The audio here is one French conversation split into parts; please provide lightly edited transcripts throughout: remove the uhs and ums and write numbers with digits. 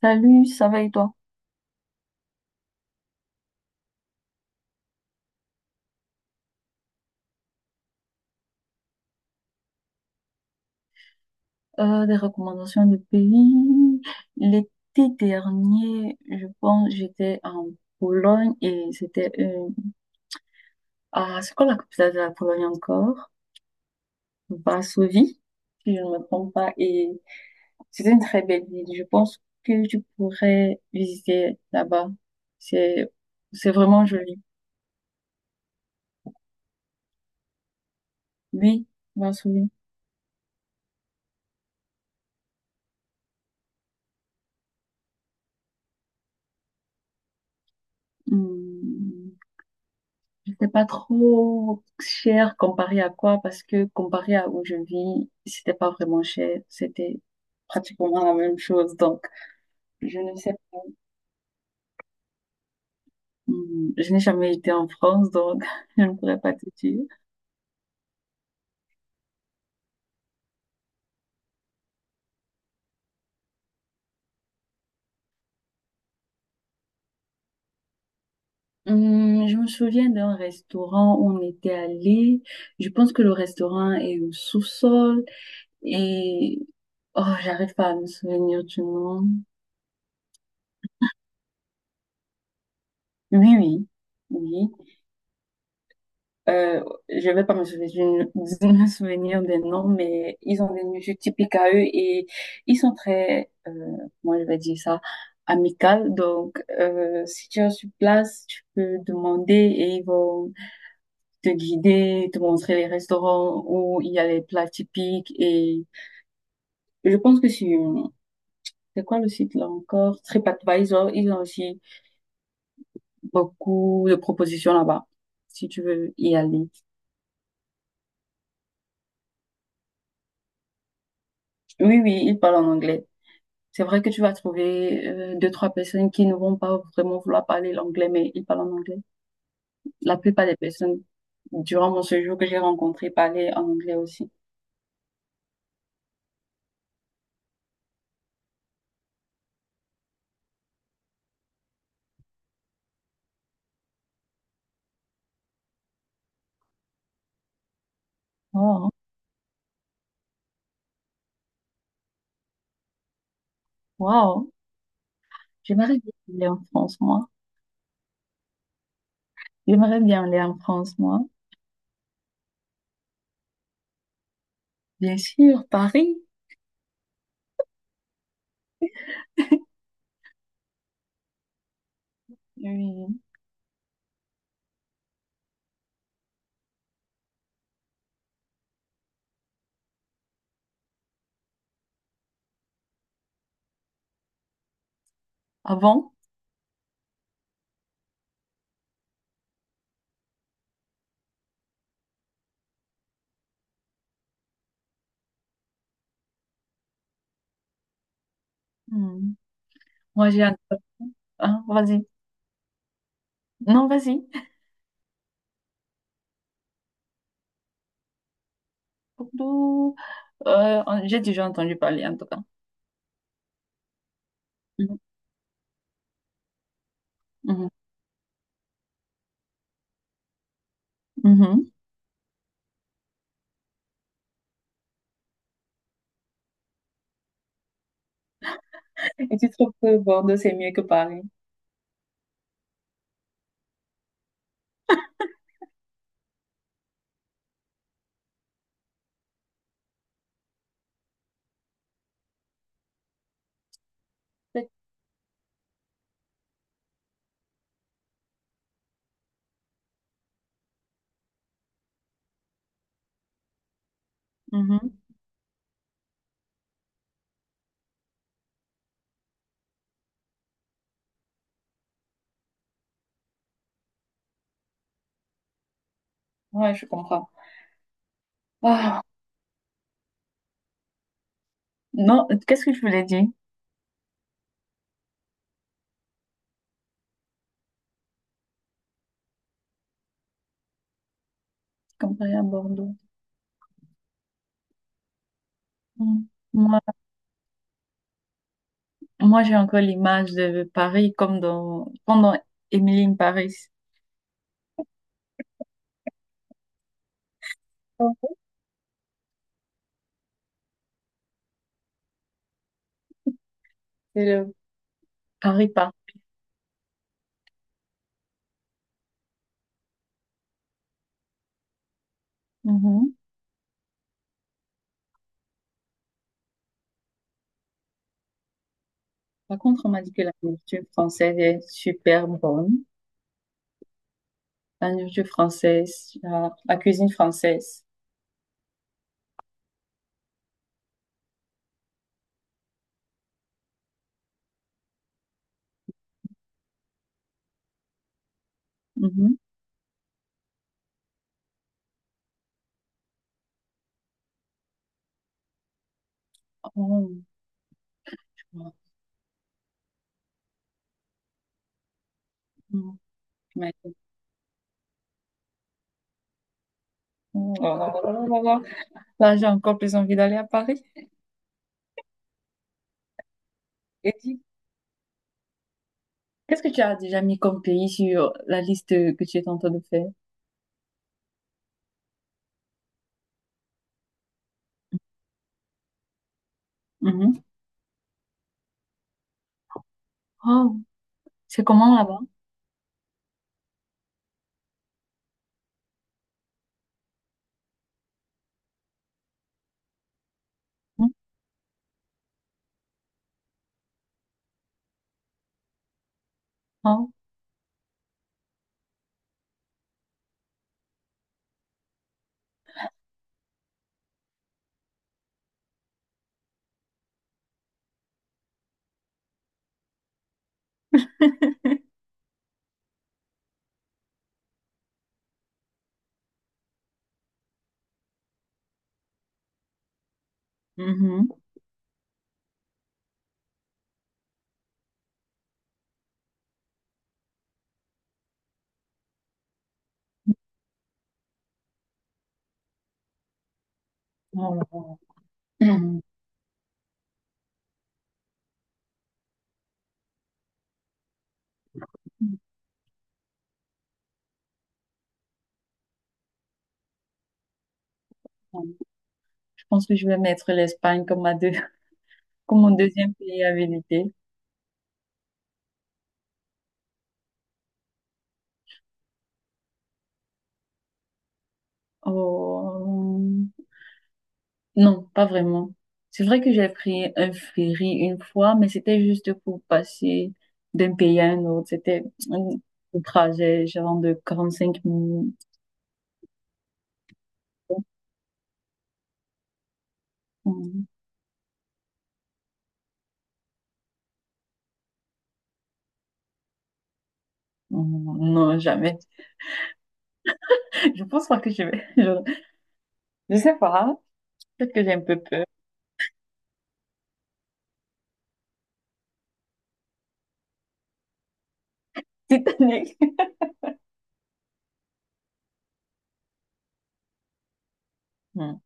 Salut, ça va et toi? Des recommandations de pays. L'été dernier, je pense, j'étais en Pologne et Ah, c'est quoi la capitale de la Pologne encore? Varsovie, si je ne me trompe pas. Et c'était une très belle ville. Je pense que tu pourrais visiter là-bas. C'est, c'est vraiment joli. Oui, Varsovie. Hmm. Je sais pas trop cher comparé à quoi, parce que comparé à où je vis, c'était pas vraiment cher, c'était pratiquement la même chose. Donc, je ne sais, hmm, je n'ai jamais été en France, donc je ne pourrais pas te dire. Hmm, je me souviens d'un restaurant où on était allé. Je pense que le restaurant est au sous-sol et oh, j'arrive pas à me souvenir du nom. Oui, oui, oui. Je vais pas me souvenir, je me souvenir des noms, mais ils ont des musiques typiques à eux et ils sont très, comment je vais dire ça, amicales. Donc, si tu es sur place, tu peux demander et ils vont te guider, te montrer les restaurants où il y a les plats typiques. Et je pense que c'est quoi le site là encore? TripAdvisor, ils ont aussi beaucoup de propositions là-bas, si tu veux y aller. Oui, oui, ils parlent en anglais. C'est vrai que tu vas trouver deux, trois personnes qui ne vont pas vraiment vouloir parler l'anglais, mais ils parlent en anglais. La plupart des personnes, durant mon séjour que j'ai rencontré, parlaient en anglais aussi. Oh, wow. J'aimerais bien aller en France, moi. J'aimerais bien aller en France, moi. Bien sûr, Paris. Oui. Avant. Hmm. Moi, j'ai... un- Hein, vas-y. Non, vas-y. Bordeaux, j'ai déjà entendu parler, en tout cas. Mhm, mhm, mhm. Et tu trouves que Bordeaux, c'est mieux que Paris? Mhm. Ouais, je comprends. Ah, non, qu'est-ce que je voulais dire comparé à Bordeaux? Hmm. Moi, moi, j'ai encore l'image de Paris comme dans Emily in Paris. C'est le Paris pas. Mhm. Par contre, on m'a dit que la nourriture française est super bonne. La nourriture française, la cuisine française. Mhm. Oh, tu vois. Mhm. Tu m'as dit. Oh là là là là là là. Là, j'ai encore plus envie d'aller à Paris. Et dis Qu'est-ce que tu as déjà mis comme pays sur la liste que tu es en train de faire? Mhm. Oh, c'est comment là-bas? Mhm. Oh. Mhm. Oh là là. Mhm. Je pense que je vais mettre l'Espagne comme ma deux, comme mon deuxième pays à visiter. Oh. Non, pas vraiment. C'est vrai que j'ai pris un ferry une fois, mais c'était juste pour passer d'un pays à un autre. C'était un un trajet genre de 45 minutes. Mhm. Non, jamais. Je pense pas que je vais. Je sais pas. Peut-être que j'ai un peu peur. Titanic. Hmm.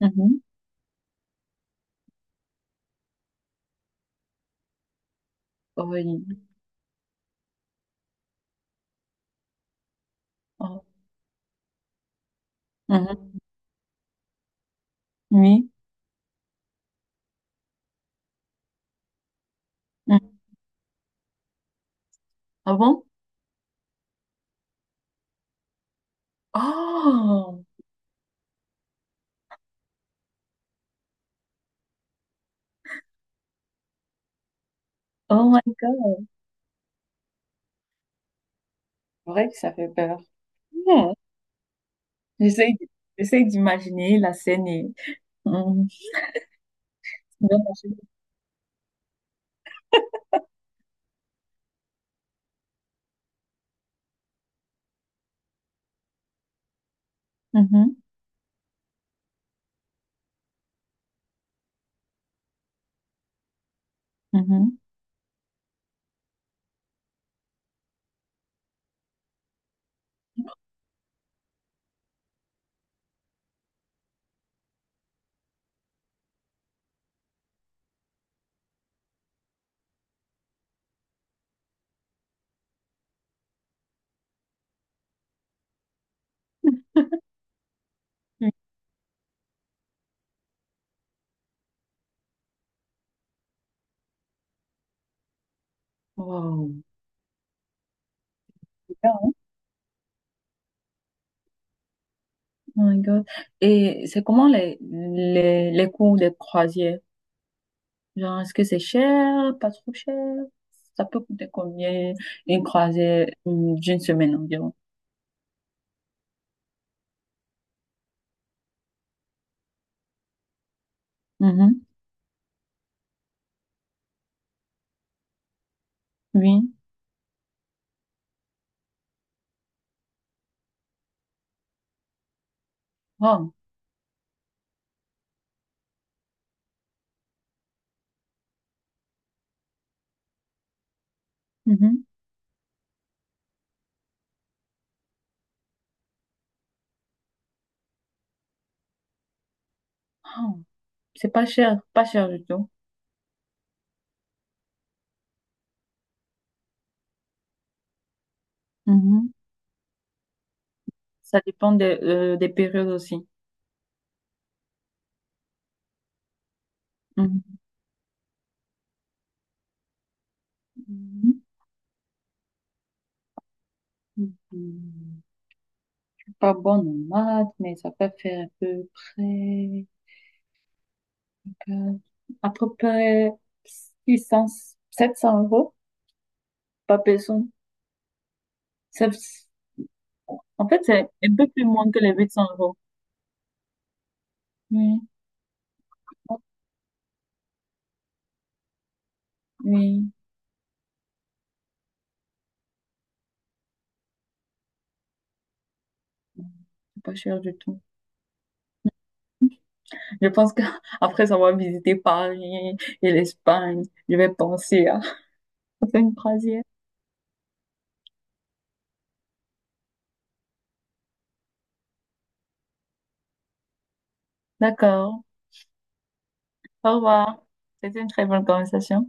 Mhm. Oui. Oh. Mhm. Oui. Mhm. Ah bon? Oh! Oh my God. C'est vrai que ça fait peur. Hmm. J'essaie d- J'essaie d'imaginer la scène et... Mhm. Non. Mhm. Mhm. Oui. Wow. C'est bien, hein? Oh my God. Et c'est comment les, les, cours des croisières? Genre, est-ce que c'est cher, pas trop cher? Ça peut coûter combien une croisée d'une semaine environ? Mhm. Oui. Oh. Mhm. Oh. C'est pas cher, pas cher du tout. Mhm. Ça dépend des périodes aussi. Mhm. Mhm. Mhm. Je suis pas bonne en maths, mais ça peut faire à peu près, quatre- à peu près 600 700 euros par personne. Ça- En fait, c'est un peu plus moins que les 800 euros. Oui, c'est pas cher du tout. Je pense que après avoir visité Paris et l'Espagne, je vais penser à faire une croisière. D'accord. Au revoir. C'était une très bonne conversation.